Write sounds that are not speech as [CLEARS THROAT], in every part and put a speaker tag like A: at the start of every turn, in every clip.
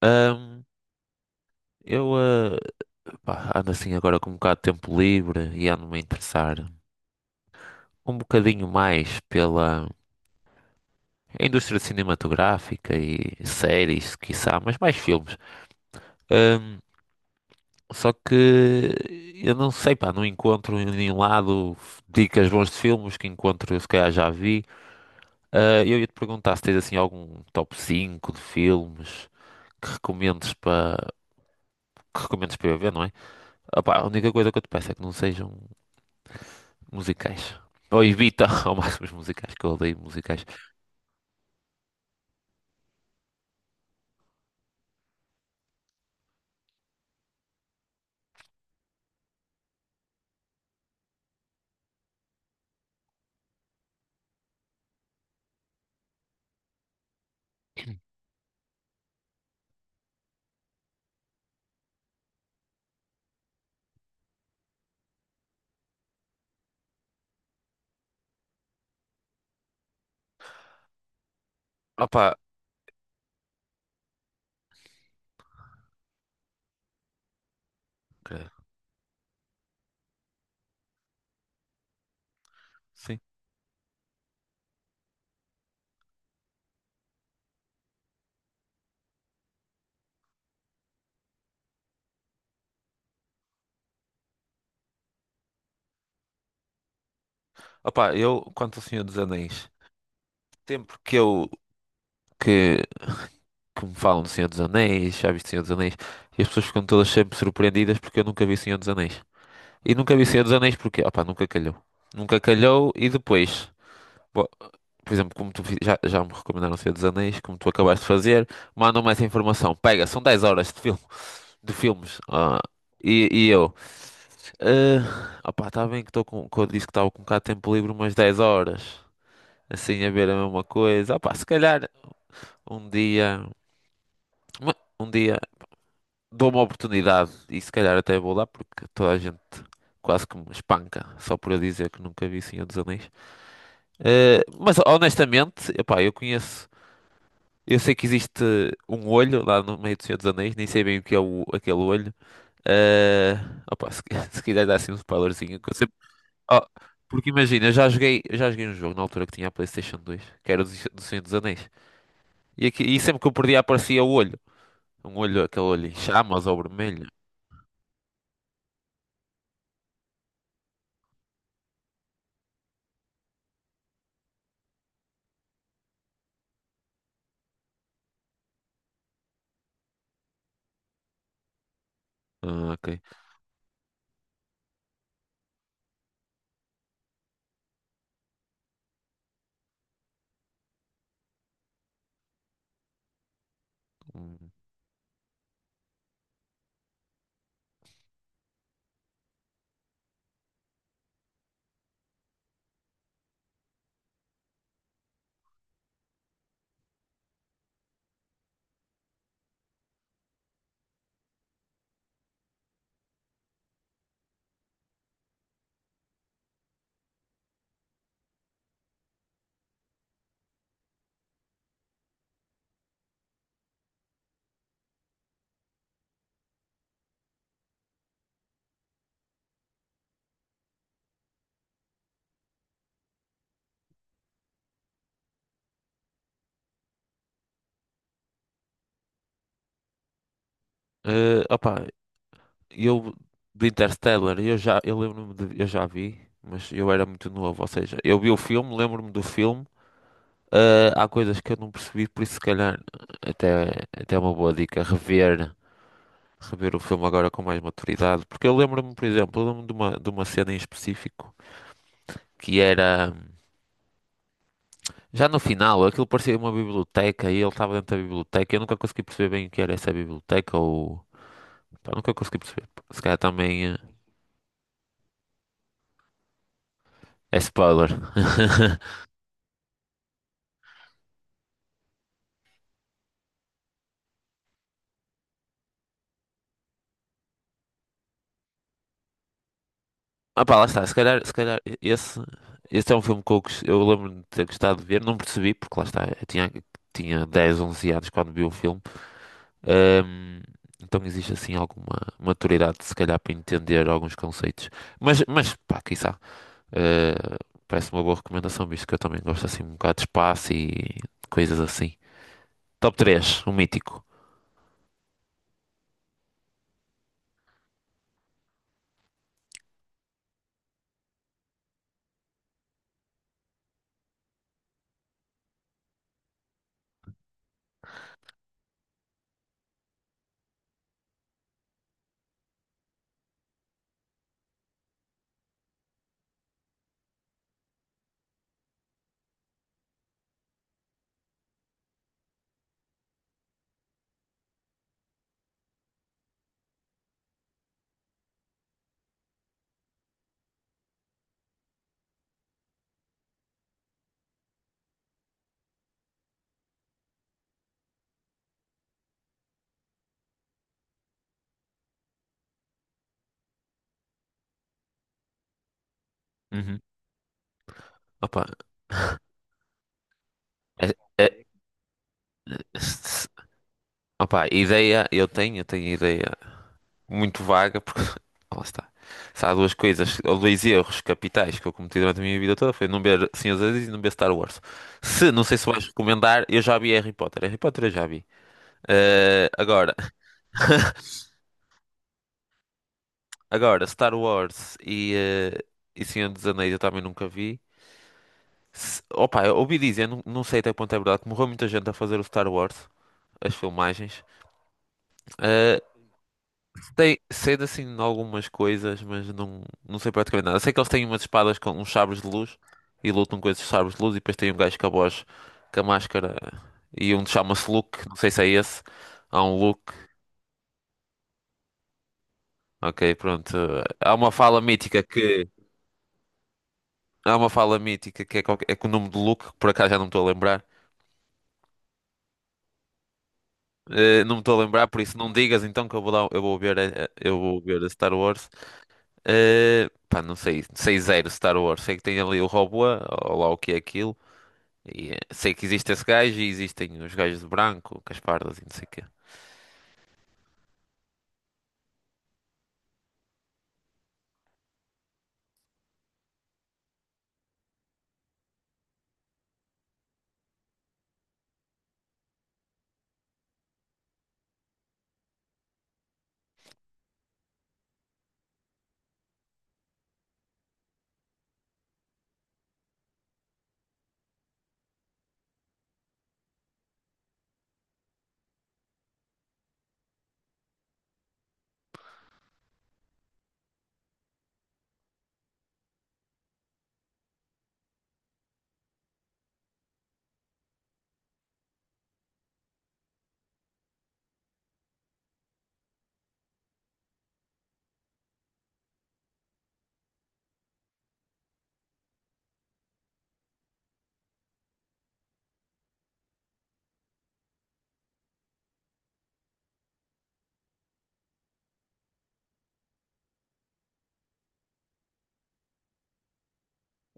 A: Ahm, eu pá, ando assim agora com um bocado de tempo livre e ando-me a interessar um bocadinho mais pela indústria cinematográfica e séries, quiçá, mas mais filmes. Ahm, só que eu não sei, pá, não encontro em nenhum lado dicas bons de filmes que encontro, se calhar já vi. Ah, eu ia-te perguntar se tens assim algum top 5 de filmes que recomendes para que recomendes para eu ver, não é? Ah, pá, a única coisa que eu te peço é que não sejam. Musicais. Ou evita [LAUGHS] ao máximo os musicais, que eu odeio musicais. [CLEARS THROAT] Opa, credo, sim. Opa, quanto ao Senhor dos Anéis, tempo que eu, que, que me falam do Senhor dos Anéis, já viste Senhor dos Anéis, e as pessoas ficam todas sempre surpreendidas porque eu nunca vi Senhor dos Anéis. E nunca vi Senhor dos Anéis porque, opa, nunca calhou. Nunca calhou e depois, bo- por exemplo, como já me recomendaram Senhor dos Anéis, como tu acabaste de fazer, mandam-me essa informação. Pega, são 10 horas de filme, de filmes. E, e eu, Ah, opá, está bem que estou com, que eu disse que estava com um bocado de tempo livre, umas 10 horas, assim a ver a mesma coisa. Opá, se calhar um dia, um dia dou uma oportunidade e se calhar até vou lá porque toda a gente quase que me espanca só por eu dizer que nunca vi Senhor dos Anéis. Ah, mas honestamente, opá, eu sei que existe um olho lá no meio do Senhor dos Anéis, nem sei bem o que é aquele olho. Ah, opá, se, [LAUGHS] se quiser dar assim um spoilerzinho. Ah, porque imagina, eu já joguei um jogo na altura que tinha a PlayStation dois que era do Senhor dos Anéis. E, aqui, e sempre que eu perdia aparecia o olho. Um olho, aquele olho em chamas ou vermelho. Ah, ok. Hum. Opá, eu do Interstellar, eu já vi, mas eu era muito novo, ou seja, eu vi o filme, lembro-me do filme. Há coisas que eu não percebi, por isso se calhar até até é uma boa dica rever o filme agora com mais maturidade, porque eu lembro-me, por exemplo, eu lembro-me de uma cena em específico que era já no final, aquilo parecia uma biblioteca e ele estava dentro da biblioteca. Eu nunca consegui perceber bem o que era essa biblioteca ou. Pá, nunca consegui perceber. Se calhar também é spoiler. [LAUGHS] Ah pá, lá está, se calhar esse, esse é um filme que eu lembro-me de ter gostado de ver, não percebi, porque lá está, tinha 10, 11 anos quando vi o filme. Ahm, então existe assim alguma maturidade, se calhar, para entender alguns conceitos, mas pá, quiçá, eh, parece uma boa recomendação, visto que eu também gosto assim um bocado de espaço e coisas assim. Top 3, o mítico. Uhum. Opa, é, é- [LAUGHS] opa, eu tenho ideia. Muito vaga, porque [LAUGHS] lá está. Se há duas coisas, ou dois erros capitais que eu cometi durante a minha vida toda, foi não ver Senhor dos Anéis e não ver Star Wars. Se, não sei se vais recomendar, eu já vi Harry Potter. Harry Potter eu já vi. Eh, agora, agora, Star Wars e, e Senhor dos Anéis eu também nunca vi. Se, opa, eu ouvi dizer, não, não sei até que ponto é verdade, que morreu muita gente a fazer o Star Wars, as filmagens. Eh, tem cedo assim em algumas coisas, mas não, não sei praticamente nada. Sei que eles têm umas espadas com uns sabres de luz e lutam com esses sabres de luz e depois tem um gajo com a voz, com a máscara e um chama-se Luke, não sei se é esse. Há um Luke, ok, pronto. Há uma fala mítica que há uma fala mítica que é, é com o nome de Luke, que por acaso já não me estou a lembrar. Eh, não me estou a lembrar, por isso não digas então que eu vou ver, eu vou ver a Star Wars. Eh, pá, não sei, sei zero Star Wars. Sei que tem ali o robô, ou lá o que é aquilo. E, eh, sei que existe esse gajo e existem os gajos de branco, Caspardas e não sei o quê.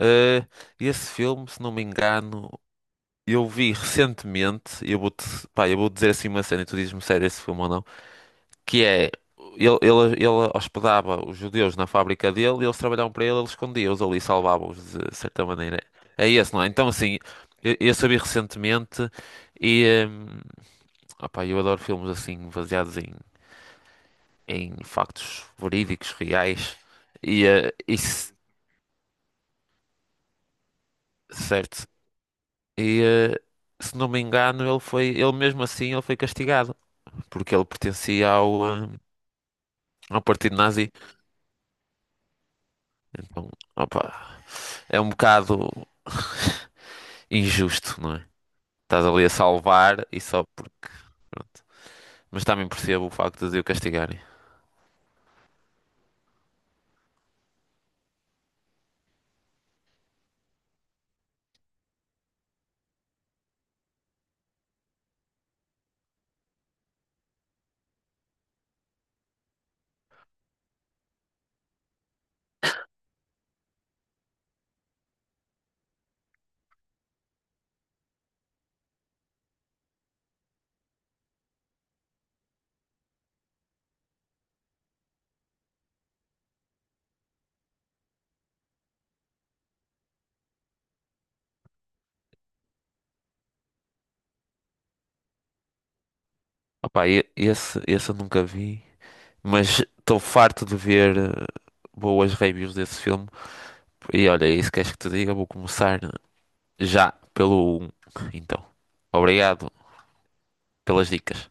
A: Eh, esse filme, se não me engano, eu vi recentemente, pá, eu vou dizer assim uma cena e tu dizes-me sério esse filme ou não, que é, ele hospedava os judeus na fábrica dele e eles trabalhavam para ele, ele escondia-os ali, salvava-os de certa maneira. É esse, não é? Então, assim, eu só recentemente e, eh, opá, eu adoro filmes assim, baseados em factos verídicos, reais, e eh, isso, certo. E eh, se não me engano, ele mesmo assim, ele foi castigado, porque ele pertencia ao, eh, ao Partido Nazi. Então, opa, é um bocado [LAUGHS] injusto, não é? Estás ali a salvar e só porque. Pronto. Mas também percebo o facto de o castigarem. Opa, esse eu nunca vi, mas estou farto de ver eh, boas reviews desse filme. E olha, é isso que queres que te diga? Vou começar já pelo um. Então, obrigado pelas dicas.